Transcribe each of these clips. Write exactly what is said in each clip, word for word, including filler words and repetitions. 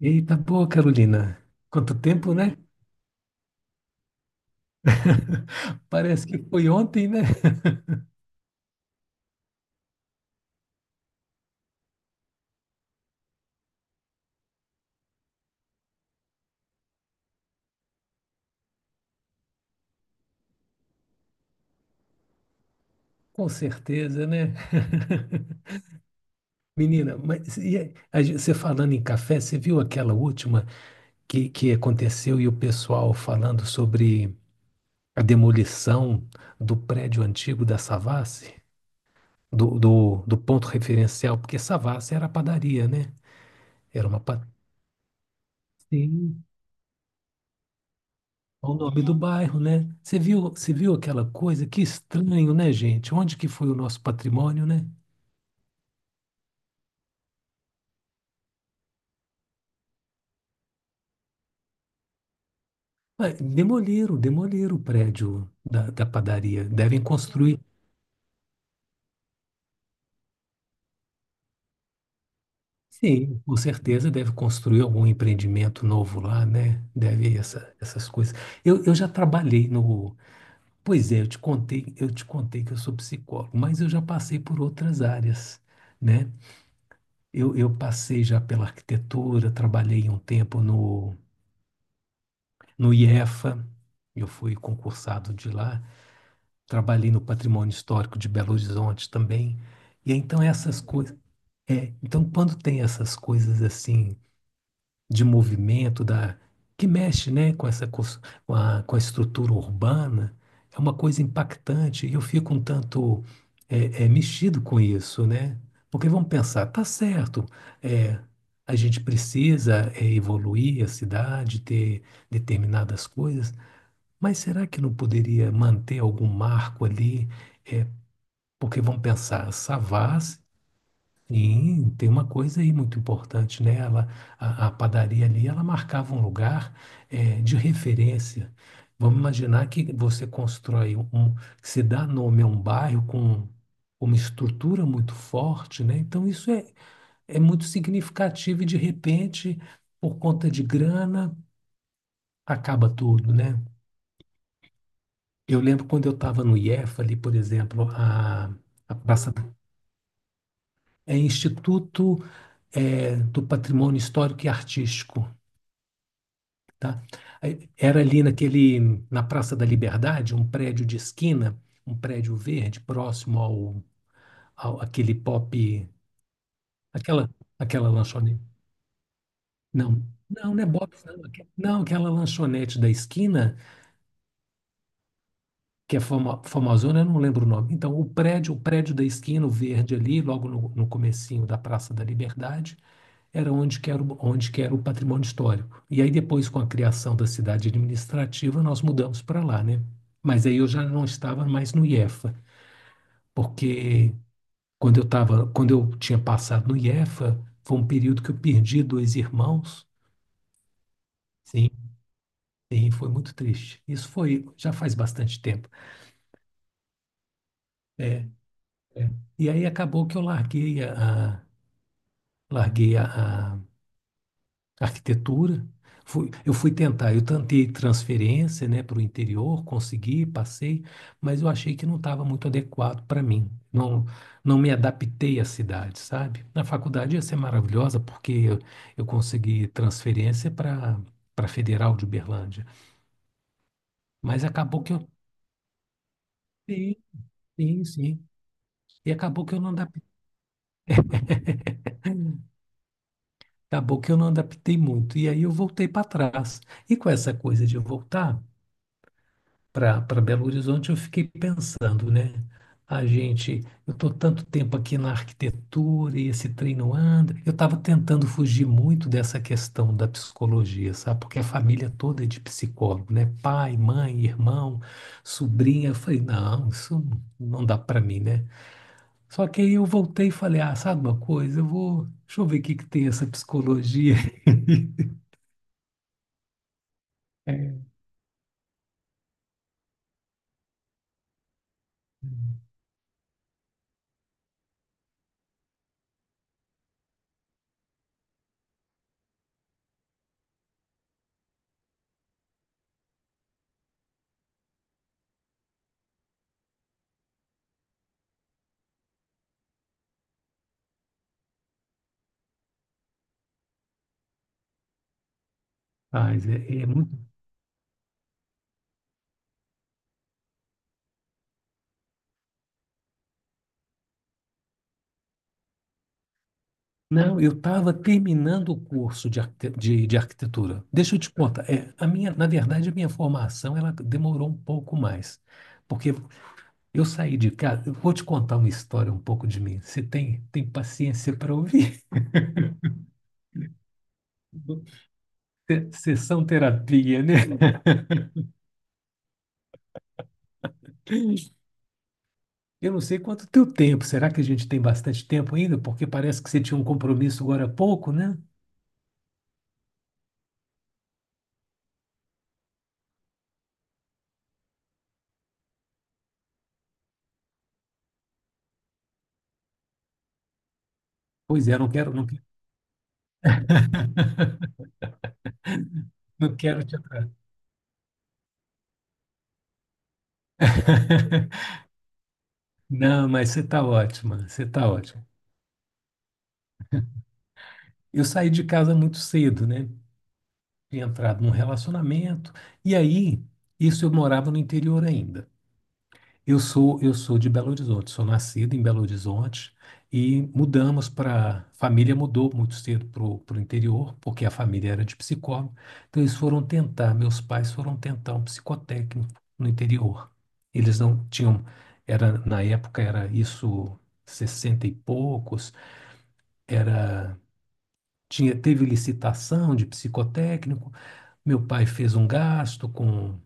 Eita, boa, Carolina. Quanto tempo, né? Parece que foi ontem, né? Com certeza, né? Menina, mas e aí, a gen- você falando em café, você viu aquela última que, que aconteceu e o pessoal falando sobre a demolição do prédio antigo da Savassi, do, do, do ponto referencial, porque Savassi era padaria, né? Era uma padaria. É o nome do bairro, né? Você viu, você viu aquela coisa? Que estranho, né, gente? Onde que foi o nosso patrimônio, né? Ah, demoliram, demoliram o prédio da, da padaria. Devem construir. Sim, com certeza deve construir algum empreendimento novo lá, né? Deve essa, essas coisas. Eu, eu já trabalhei no. Pois é, eu te contei, eu te contei que eu sou psicólogo, mas eu já passei por outras áreas, né? Eu, eu passei já pela arquitetura, trabalhei um tempo no No IEFA, eu fui concursado de lá, trabalhei no Patrimônio Histórico de Belo Horizonte também. E então essas coisas, é, então quando tem essas coisas assim de movimento da que mexe, né, com essa cos- com a, com a estrutura urbana, é uma coisa impactante e eu fico um tanto é, é, mexido com isso, né? Porque vamos pensar, tá certo, é, a gente precisa é, evoluir a cidade, ter determinadas coisas, mas será que não poderia manter algum marco ali? É, porque vão pensar, Savassi, sim, tem uma coisa aí muito importante, né? Ela, a, a padaria ali, ela marcava um lugar é, de referência. Vamos imaginar que você constrói um, um- que se dá nome a um bairro com uma estrutura muito forte, né? Então isso é, é muito significativo e de repente, por conta de grana, acaba tudo, né? Eu lembro quando eu estava no I E F ali, por exemplo, a, a Praça é Instituto eh, do Patrimônio Histórico e Artístico, tá? Aí, era ali naquele na Praça da Liberdade, um prédio de esquina, um prédio verde próximo ao, ao aquele pop, aquela aquela lanchonete. Não, não, não é Bob's, não, aque- não, aquela lanchonete da esquina que é Fama, famosona, eu não lembro o nome. Então, o prédio, o prédio da esquina, o verde ali, logo no, no comecinho da Praça da Liberdade, era onde que era, o- onde que era o patrimônio histórico. E aí depois, com a criação da cidade administrativa, nós mudamos para lá, né? Mas aí eu já não estava mais no IEFA, porque quando eu tava, quando eu tinha passado no IEFA, foi um período que eu perdi dois irmãos. Sim, sim, foi muito triste. Isso foi, já faz bastante tempo. É, é. E aí acabou que eu larguei a- larguei a, a arquitetura. Fui, eu fui tentar, eu tentei transferência, né, para o interior, consegui, passei, mas eu achei que não estava muito adequado para mim. Não, não me adaptei à cidade, sabe? Na faculdade ia ser maravilhosa, porque eu, eu consegui transferência para para Federal de Uberlândia, mas acabou que eu sim, sim, sim. E acabou que eu não adaptei, acabou que eu não adaptei muito. E aí eu voltei para trás. E com essa coisa de voltar para Belo Horizonte, eu fiquei pensando, né? A gente, eu estou tanto tempo aqui na arquitetura e esse trem não anda. Eu estava tentando fugir muito dessa questão da psicologia, sabe? Porque a família toda é de psicólogo, né? Pai, mãe, irmão, sobrinha. Eu falei, não, isso não dá para mim, né? Só que aí eu voltei e falei, ah, sabe uma coisa? Eu vou, deixa eu ver o que que tem essa psicologia. É. Mas é, é muito. Não, eu estava terminando o curso de, arquite- de, de arquitetura. Deixa eu te contar. É, a minha, na verdade, a minha formação ela demorou um pouco mais, porque eu saí de casa. Eu vou te contar uma história um pouco de mim. Você tem, tem paciência para ouvir? Se- sessão terapia, né? Eu não sei quanto teu tempo. Será que a gente tem bastante tempo ainda? Porque parece que você tinha um compromisso agora há pouco, né? Pois é, não quero, não quero, não quero te atrasar. Não, mas você está ótima. Você está ótima. Eu saí de casa muito cedo, né? Tinha entrado num relacionamento. E aí, isso eu morava no interior ainda. Eu sou, eu sou de Belo Horizonte, sou nascido em Belo Horizonte e mudamos para. Família mudou muito cedo para o interior, porque a família era de psicólogo. Então, eles foram tentar, meus pais foram tentar um psicotécnico no interior. Eles não tinham. Era, na época, era isso, sessenta e poucos, era tinha, teve licitação de psicotécnico. Meu pai fez um gasto com,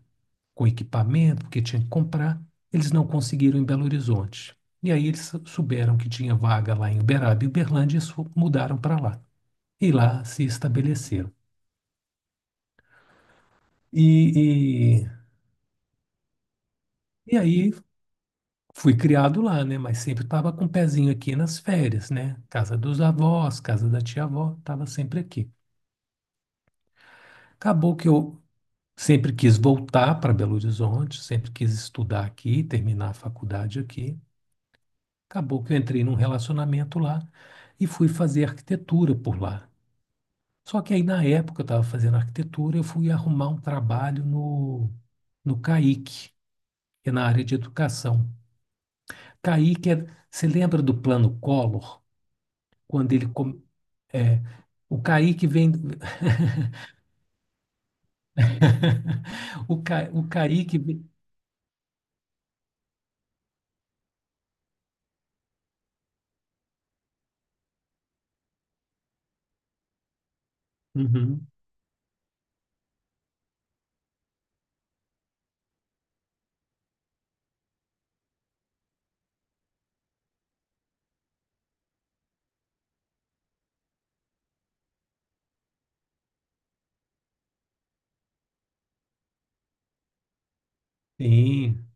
com equipamento, porque tinha que comprar. Eles não conseguiram em Belo Horizonte. E aí eles souberam que tinha vaga lá em Uberaba e Uberlândia e su- mudaram para lá. E lá se estabeleceram. E, e, e aí fui criado lá, né? Mas sempre estava com o pezinho aqui nas férias, né? Casa dos avós, casa da tia-avó, estava sempre aqui. Acabou que eu sempre quis voltar para Belo Horizonte, sempre quis estudar aqui, terminar a faculdade aqui. Acabou que eu entrei num relacionamento lá e fui fazer arquitetura por lá. Só que aí, na época, eu estava fazendo arquitetura, eu fui arrumar um trabalho no, no CAIC, que é na área de educação. CAIC é, você lembra do plano Collor? Quando ele, com- é, o CAIC vem, o, Ca, o CAIC vem, uhum, sim.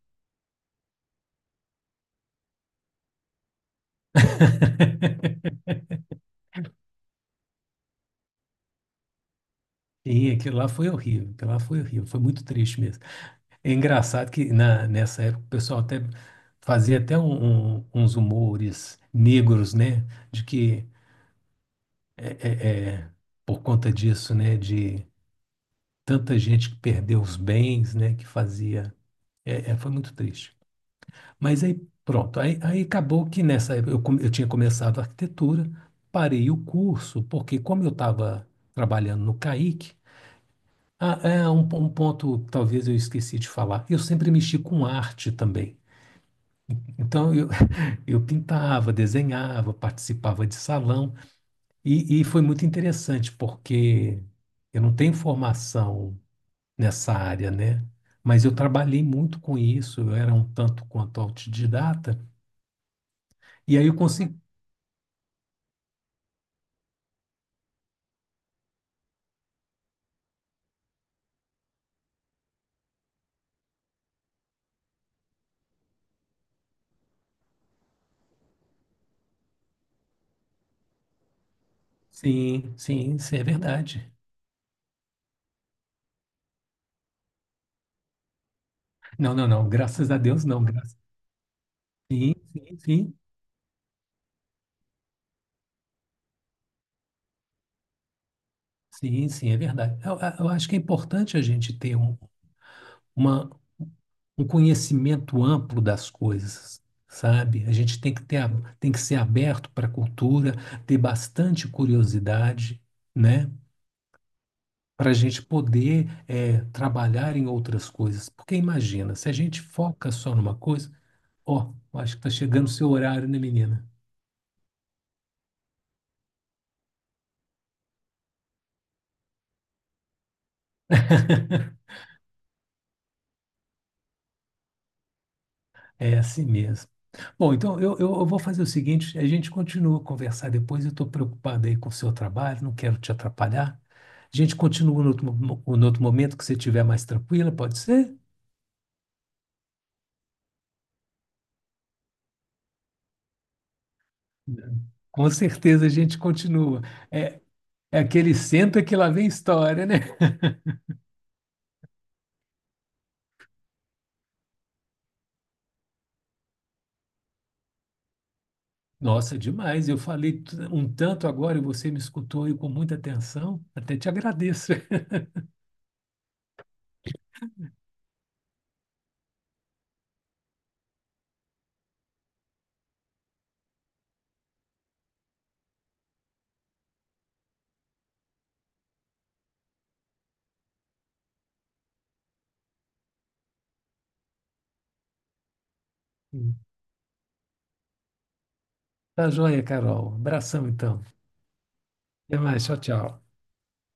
Sim, aquilo lá foi horrível, aquilo lá foi horrível, foi muito triste mesmo. É engraçado que na, nessa época o pessoal até fazia até um- um- uns humores negros, né? De que é, é- é, por conta disso, né? De tanta gente que perdeu os bens, né? Que fazia. É, é, foi muito triste. Mas aí pronto, aí, aí acabou que nessa época eu, come- eu tinha começado a arquitetura, parei o curso, porque como eu estava trabalhando no CAIC, ah, é um, po- um ponto talvez eu esqueci de falar. Eu sempre mexi com arte também. Então eu, eu pintava, desenhava, participava de salão e, e foi muito interessante porque eu não tenho formação nessa área, né? Mas eu trabalhei muito com isso. Eu era um tanto quanto autodidata e aí eu consegui. Sim, sim, sim, é verdade. Não, não, não. Graças a Deus, não. Graças... Sim, sim, sim. Sim, sim, é verdade. Eu, eu acho que é importante a gente ter um uma, um conhecimento amplo das coisas, sabe? A gente tem que ter, a- tem que ser aberto para a cultura, ter bastante curiosidade, né? Para a gente poder eh, trabalhar em outras coisas. Porque imagina, se a gente foca só numa coisa, ó, acho que está chegando o seu horário, né, menina? É assim mesmo. Bom, então eu, eu, eu vou fazer o seguinte: a gente continua a conversar depois. Eu estou preocupado aí com o seu trabalho, não quero te atrapalhar. A gente continua no outro, mo- no outro momento que você estiver mais tranquila, pode ser? Com certeza a gente continua. É, é aquele senta que lá vem história, né? Nossa, demais. Eu falei t- um tanto agora e você me escutou e com muita atenção. Até te agradeço. Tá joia, Carol. Abração, então. Até mais. Tchau, tchau.